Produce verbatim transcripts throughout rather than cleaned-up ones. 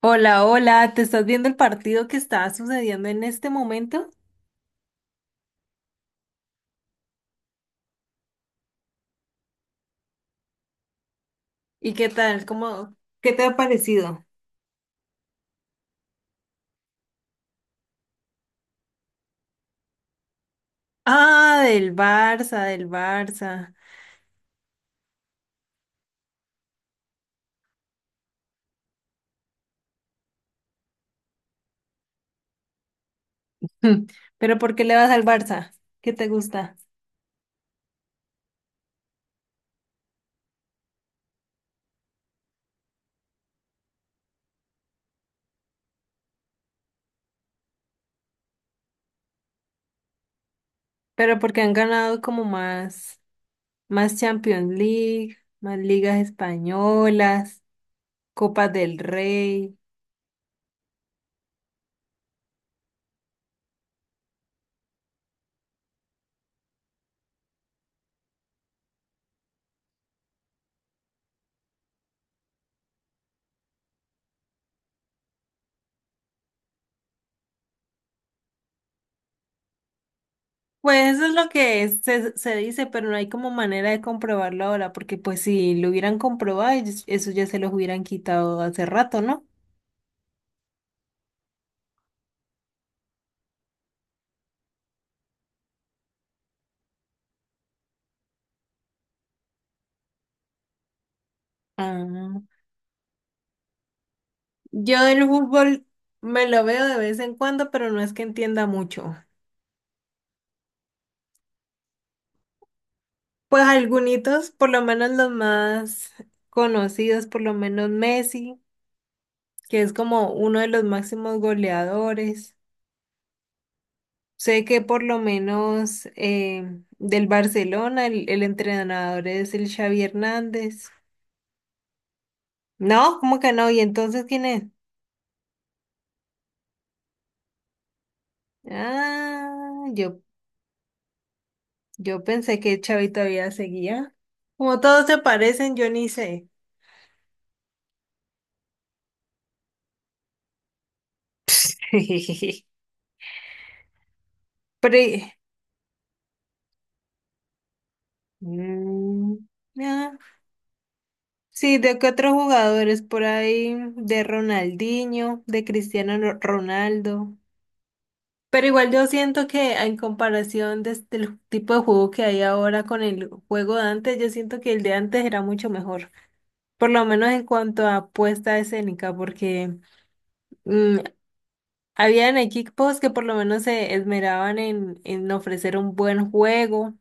Hola, hola, ¿te estás viendo el partido que está sucediendo en este momento? ¿Y qué tal? ¿Cómo, ¿qué te ha parecido? Ah, del Barça, del Barça. Hmm, ¿Pero por qué le vas al Barça? ¿Qué te gusta? Pero porque han ganado como más, más Champions League, más ligas españolas, Copas del Rey. Pues eso es lo que es- se, se dice, pero no hay como manera de comprobarlo ahora, porque pues si lo hubieran comprobado, ellos- eso ya se los hubieran quitado hace rato, ¿no? Ah, yo del fútbol me lo veo de vez en cuando, pero no es que entienda mucho. Pues algunos, por lo menos los más conocidos, por lo menos Messi, que es como uno de los máximos goleadores. Sé que por lo menos eh, del Barcelona el, el entrenador es el Xavi Hernández. No, ¿cómo que no? ¿Y entonces quién es? Ah, yo, yo pensé que Xavi todavía seguía. Como todos se parecen, yo ni sé. Pero, eh, mm, ah, sí, ¿de qué otros jugadores por ahí? De Ronaldinho, de Cristiano Ro- Ronaldo. Pero igual yo siento que en comparación de este- del tipo de juego que hay ahora con el juego de antes, yo siento que el de antes era mucho mejor. Por lo menos en cuanto a apuesta escénica, porque mm, habían equipos que por lo menos se esmeraban en, en ofrecer un buen juego.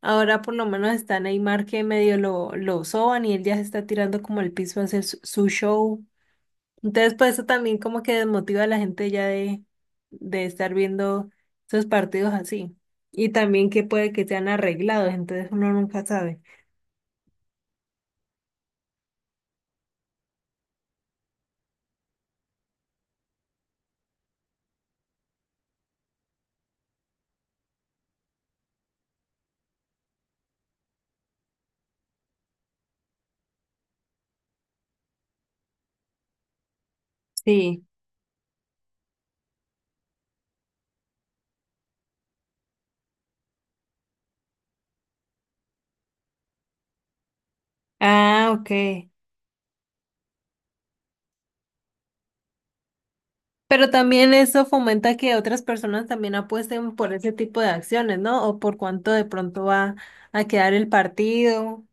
Ahora por lo menos está Neymar que medio lo, lo soban y él ya se está tirando como al piso a hacer su, su show. Entonces, pues eso también como que desmotiva a la gente ya de, de estar viendo esos partidos así. Y también que puede que sean arreglados, entonces uno nunca sabe. Sí. Ah, ok. Pero también eso fomenta que otras personas también apuesten por ese tipo de acciones, ¿no? O por cuánto de pronto va a quedar el partido.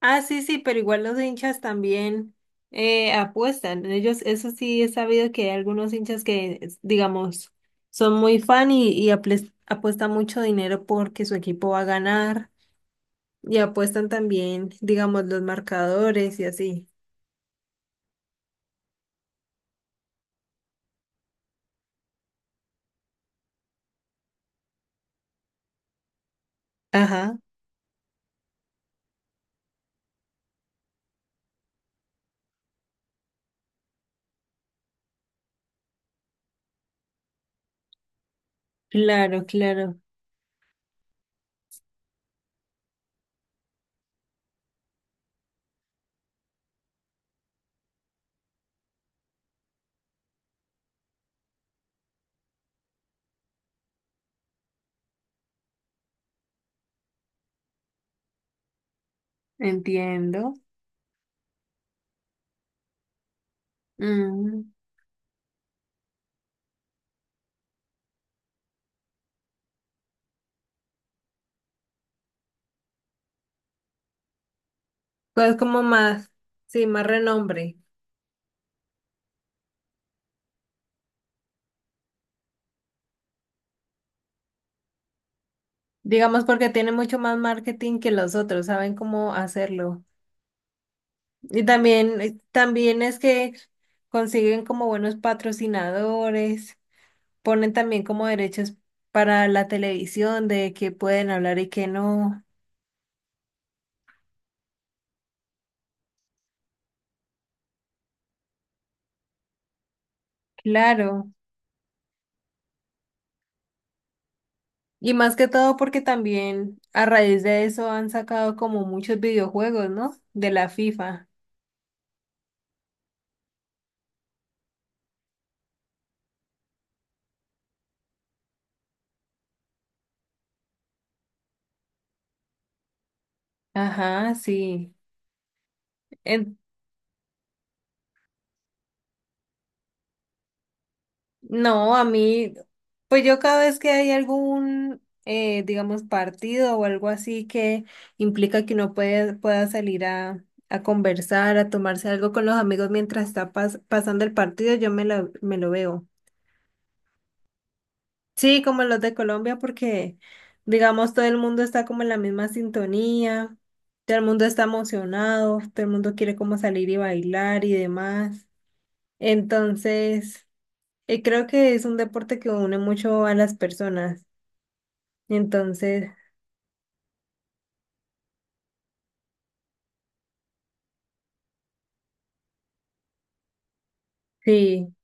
Ah, sí, sí, pero igual los hinchas también eh, apuestan. Ellos, eso sí, he sabido que hay algunos hinchas que, es- digamos, son muy fan y, y aples- apuestan mucho dinero porque su equipo va a ganar y apuestan también, digamos, los marcadores y así. Ajá, claro, claro, entiendo. Mm, pues como más, sí, más renombre. Digamos porque tiene mucho más marketing que los otros, saben cómo hacerlo. Y también, eh, también es que consiguen como buenos patrocinadores, ponen también como derechos para la televisión de qué pueden hablar y qué no. Claro. Y más que todo porque también a raíz de eso han sacado como muchos videojuegos, ¿no? De la FIFA. Ajá, sí. En- No, a mí, pues yo cada vez que hay algún, eh, digamos, partido o algo así que implica que uno puede, pueda salir a, a conversar, a tomarse algo con los amigos mientras está pas- pasando el partido, yo me lo, me lo veo. Sí, como los de Colombia, porque, digamos, todo el mundo está como en la misma sintonía, todo el mundo está emocionado, todo el mundo quiere como salir y bailar y demás. Entonces... Y creo que es un deporte que une mucho a las personas. Entonces, sí,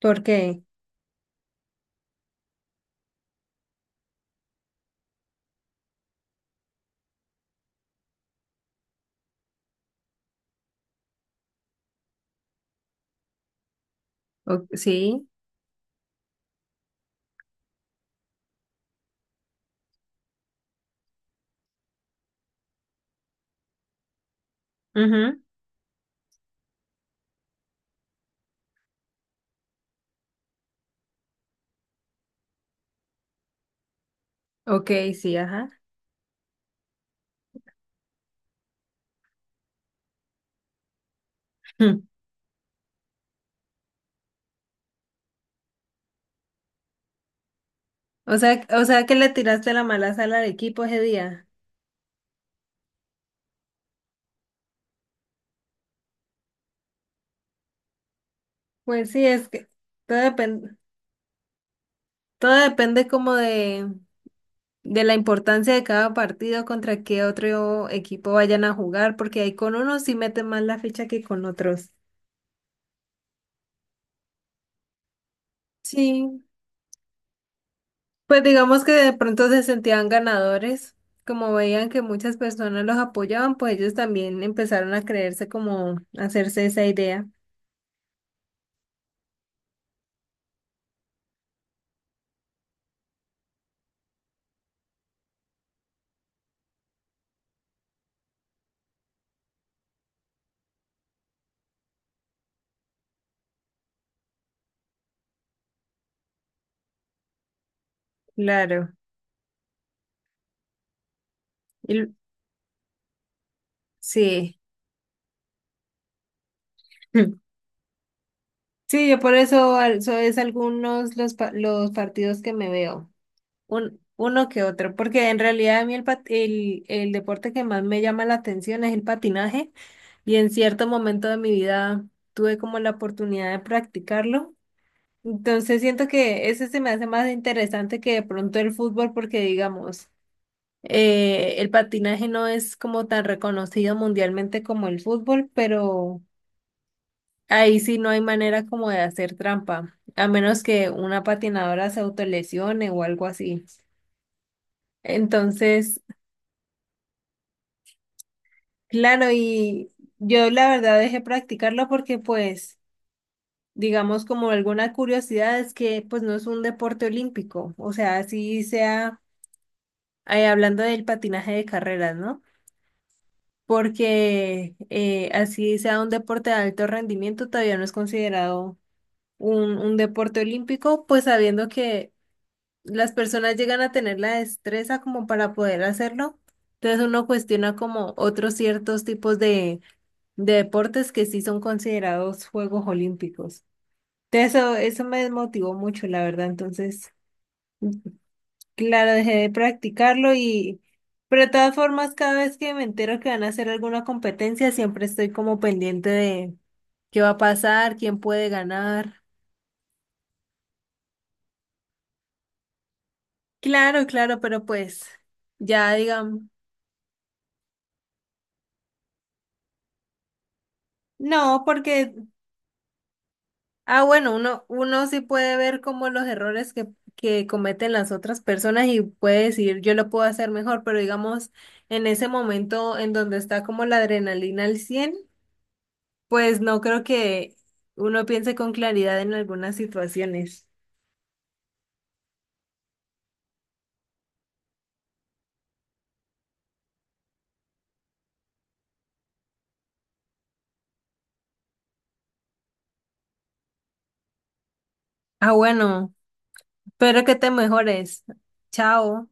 ¿por qué? O- sí, ujú, ok, sí, ajá. Mm. O sea, o sea que le tiraste la mala sala al equipo ese día. Pues sí, es que todo depende, todo depende como de, de la importancia de cada partido contra qué otro equipo vayan a jugar, porque ahí con unos sí meten más la ficha que con otros. Sí, pues digamos que de pronto se sentían ganadores, como veían que muchas personas los apoyaban, pues ellos también empezaron a creerse como hacerse esa idea. Claro. Y l- sí. Sí, yo por eso al- eso es algunos los pa- los partidos que me veo, un uno que otro, porque en realidad a mí el, pat- el el deporte que más me llama la atención es el patinaje y en cierto momento de mi vida tuve como la oportunidad de practicarlo. Entonces siento que ese se me hace más interesante que de pronto el fútbol porque digamos, eh, el patinaje no es como tan reconocido mundialmente como el fútbol, pero ahí sí no hay manera como de hacer trampa, a menos que una patinadora se autolesione o algo así. Entonces, claro, y yo la verdad dejé practicarlo porque pues... Digamos como alguna curiosidad es que pues no es un deporte olímpico, o sea, así sea eh, hablando del patinaje de carreras, ¿no? Porque eh, así sea un deporte de alto rendimiento, todavía no es considerado un, un deporte olímpico, pues sabiendo que las personas llegan a tener la destreza como para poder hacerlo. Entonces uno cuestiona como otros ciertos tipos de, de deportes que sí son considerados Juegos Olímpicos. Entonces, Eso, eso me desmotivó mucho, la verdad. Entonces... Claro, dejé de practicarlo y, pero de todas formas, cada vez que me entero que van a hacer alguna competencia, siempre estoy como pendiente de qué va a pasar, quién puede ganar. Claro, claro, pero pues ya digamos, no, porque, ah, bueno, uno, uno sí puede ver como los errores que, que cometen las otras personas y puede decir, yo lo puedo hacer mejor, pero digamos, en ese momento en donde está como la adrenalina al cien. Pues no creo que uno piense con claridad en algunas situaciones. Ah, bueno, espero que te mejores. Chao.